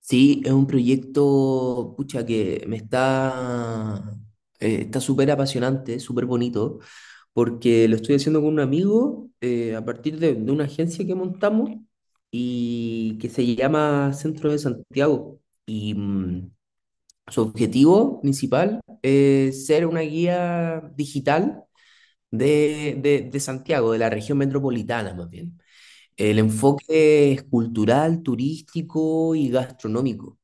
Sí, es un proyecto, pucha, que me está, está súper apasionante, súper bonito, porque lo estoy haciendo con un amigo a partir de una agencia que montamos y que se llama Centro de Santiago. Y mm, su objetivo principal es ser una guía digital de Santiago, de la región metropolitana más bien. El enfoque es cultural, turístico y gastronómico.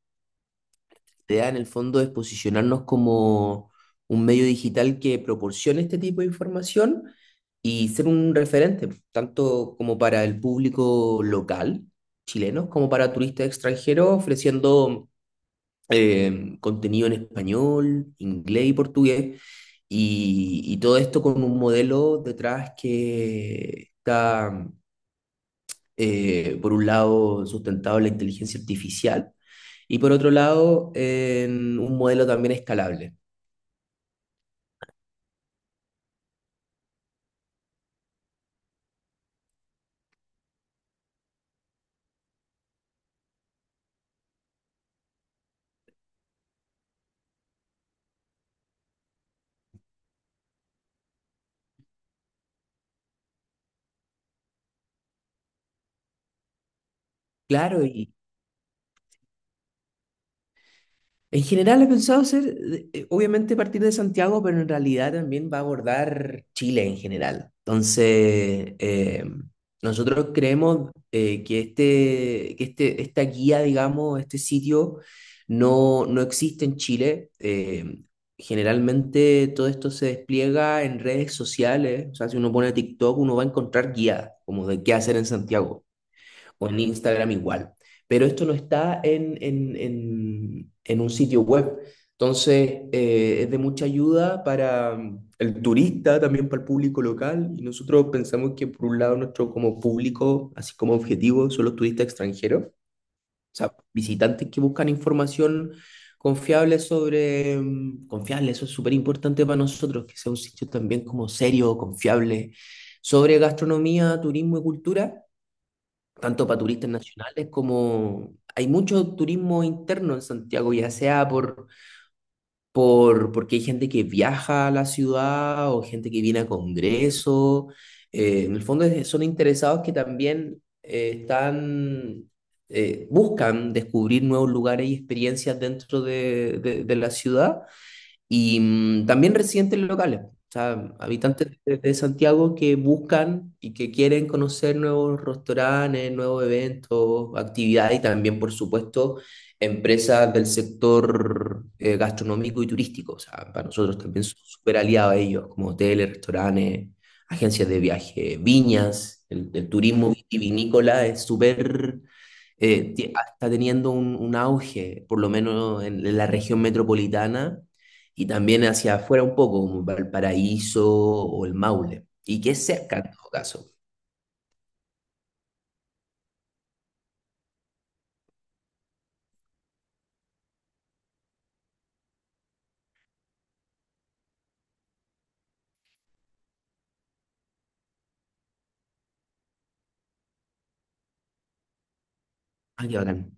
Idea en el fondo es posicionarnos como un medio digital que proporcione este tipo de información y ser un referente, tanto como para el público local chileno, como para turistas extranjeros, ofreciendo contenido en español, inglés y portugués, y todo esto con un modelo detrás que está, por un lado, sustentado en la inteligencia artificial y por otro lado, en un modelo también escalable. Claro, y en general he pensado hacer, obviamente, partir de Santiago, pero en realidad también va a abordar Chile en general. Entonces, nosotros creemos que, este, esta guía, digamos, este sitio, no, no existe en Chile. Generalmente todo esto se despliega en redes sociales, o sea, si uno pone TikTok, uno va a encontrar guías como de qué hacer en Santiago. O en Instagram igual. Pero esto no está en un sitio web. Entonces, es de mucha ayuda para el turista, también para el público local. Y nosotros pensamos que, por un lado, nuestro como público, así como objetivo, son los turistas extranjeros, o sea, visitantes que buscan información confiable sobre... confiable, eso es súper importante para nosotros, que sea un sitio también como serio, confiable, sobre gastronomía, turismo y cultura, tanto para turistas nacionales, como hay mucho turismo interno en Santiago, ya sea por, porque hay gente que viaja a la ciudad o gente que viene a congresos. En el fondo son interesados que también están buscan descubrir nuevos lugares y experiencias dentro de la ciudad y también residentes locales, o sea, habitantes de Santiago que buscan y que quieren conocer nuevos restaurantes, nuevos eventos, actividades y también, por supuesto, empresas del sector gastronómico y turístico. O sea, para nosotros también son súper aliados a ellos, como hoteles, restaurantes, agencias de viaje, viñas. El turismo vitivinícola es súper eh, ti- está teniendo un auge, por lo menos en la región metropolitana, y también hacia afuera un poco, como Valparaíso o el Maule, y que es cerca en todo caso. Ah, qué bacán.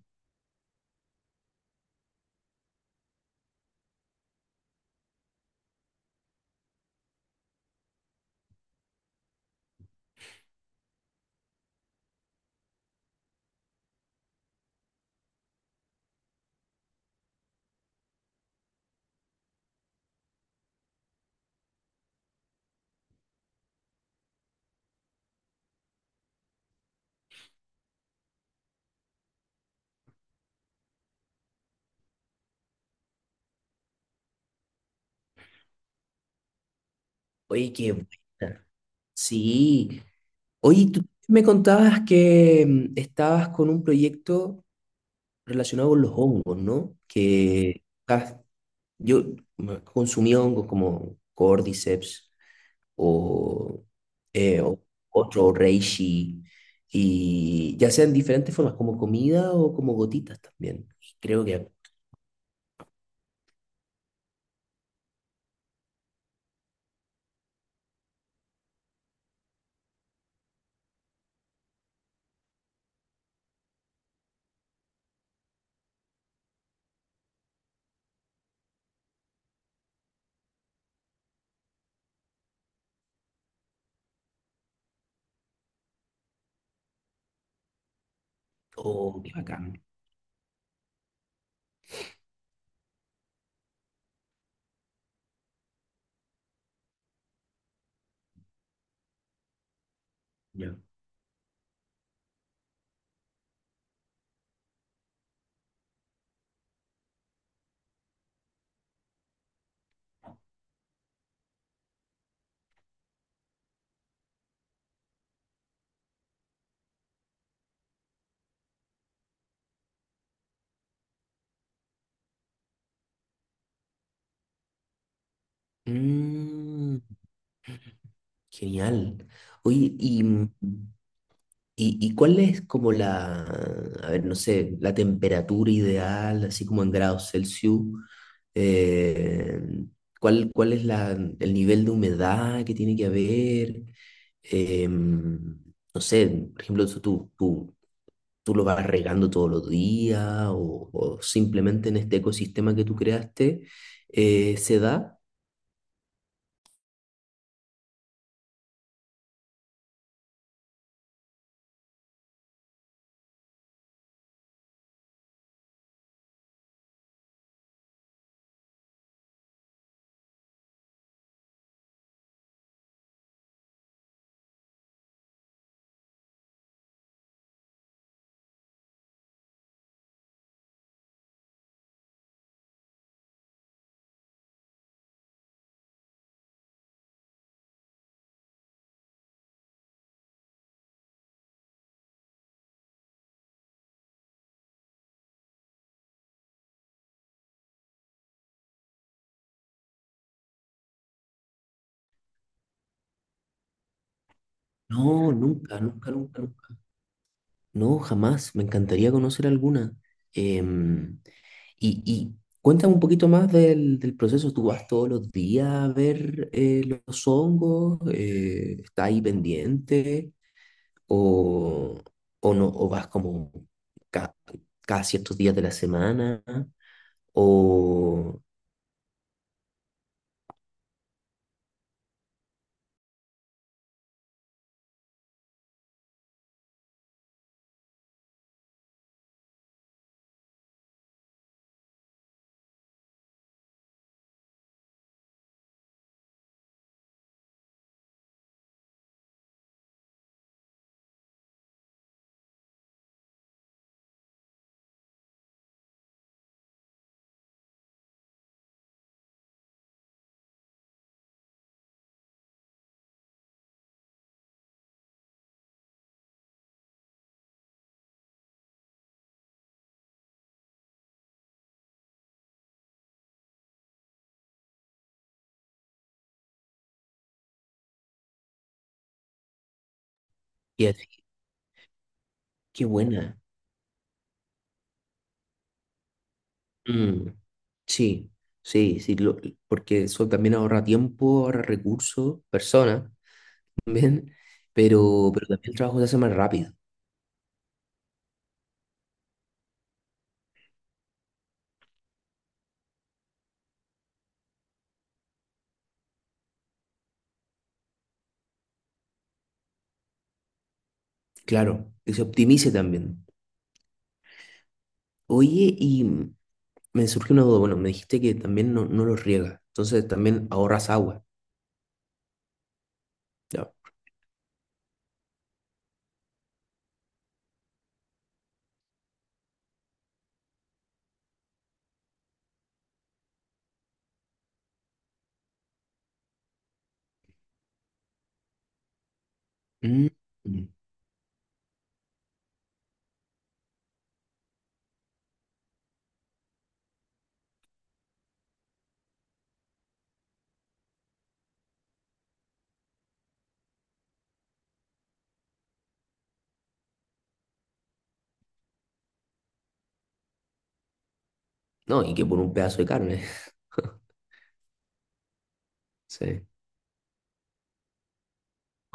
Oye, qué buena. Sí. Oye, tú me contabas que estabas con un proyecto relacionado con los hongos, ¿no? Que ah, yo consumí hongos como Cordyceps o, eh, o- otro Reishi, y ya sean diferentes formas, como comida o como gotitas también. Y creo que oh, qué bacán. Ya. Mm, genial. Oye, y, y, ¿y cuál es como la, a ver, no sé, la temperatura ideal, así como en grados Celsius? Eh, ¿Cuál, cuál es la, el nivel de humedad que tiene que haber? Em, no sé, por ejemplo, eso tú, tú, tú lo vas regando todos los días o simplemente en este ecosistema que tú creaste se da. No, nunca, nunca, nunca, nunca. No, jamás. Me encantaría conocer alguna. Em, y, y cuéntame un poquito más del proceso. ¿Tú vas todos los días a ver los hongos? ¿Estás ahí pendiente? ¿O, o no? ¿O vas como ca- cada ciertos días de la semana? ¿O... Y así, qué buena. Mm, sí, sí, sí. Porque eso también ahorra tiempo, ahorra recursos, personas. También, pero también el trabajo se hace más rápido, claro, que se optimice también. Oye, y me surge una duda, bueno, me dijiste que también no, no lo riegas, entonces también ahorras agua. Ya. Mm, mm. No, y que por un pedazo de carne, sí.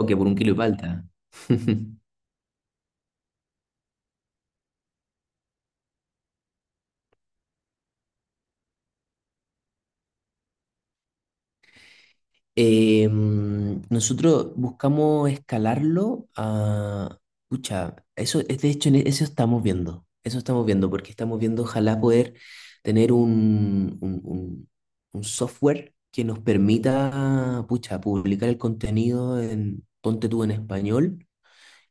O que por un kilo de palta. Eh, nosotros buscamos escalarlo a... Pucha, eso es de hecho, en eso estamos viendo. Eso estamos viendo, porque estamos viendo ojalá poder tener un, un software que nos permita, pucha, publicar el contenido en, ponte tú en español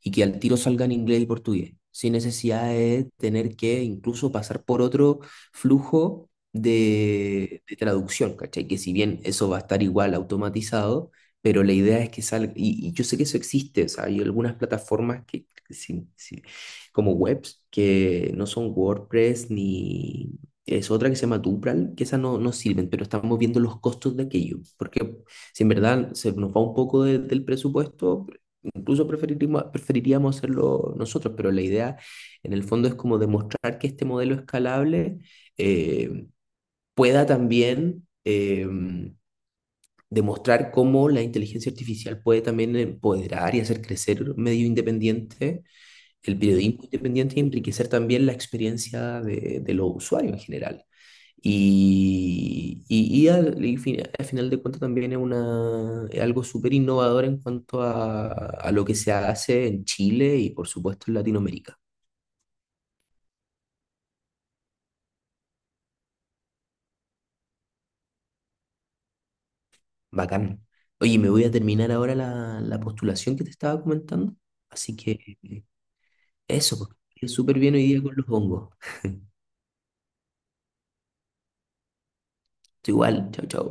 y que al tiro salgan inglés y portugués, sin necesidad de tener que incluso pasar por otro flujo de traducción, ¿cachai? Que si bien eso va a estar igual automatizado, pero la idea es que salga, y yo sé que eso existe, o sea, hay algunas plataformas que, sí, como webs que no son WordPress ni... Es otra que se llama Dupral, que esas no, no sirven, pero estamos viendo los costos de aquello, porque si en verdad se nos va un poco del presupuesto. Incluso preferiríamos, preferiríamos hacerlo nosotros, pero la idea en el fondo es como demostrar que este modelo escalable eh, pueda también demostrar cómo la inteligencia artificial puede también empoderar y hacer crecer un medio independiente, el periodismo independiente, y enriquecer también la experiencia de los usuarios en general. Y al final de cuentas también es, una, es algo súper innovador en cuanto a lo que se hace en Chile y por supuesto en Latinoamérica. Bacán. Oye, me voy a terminar ahora la, la postulación que te estaba comentando. Así que eso, pues, que estés súper bien hoy día con los hongos. Tú igual, chao, chao.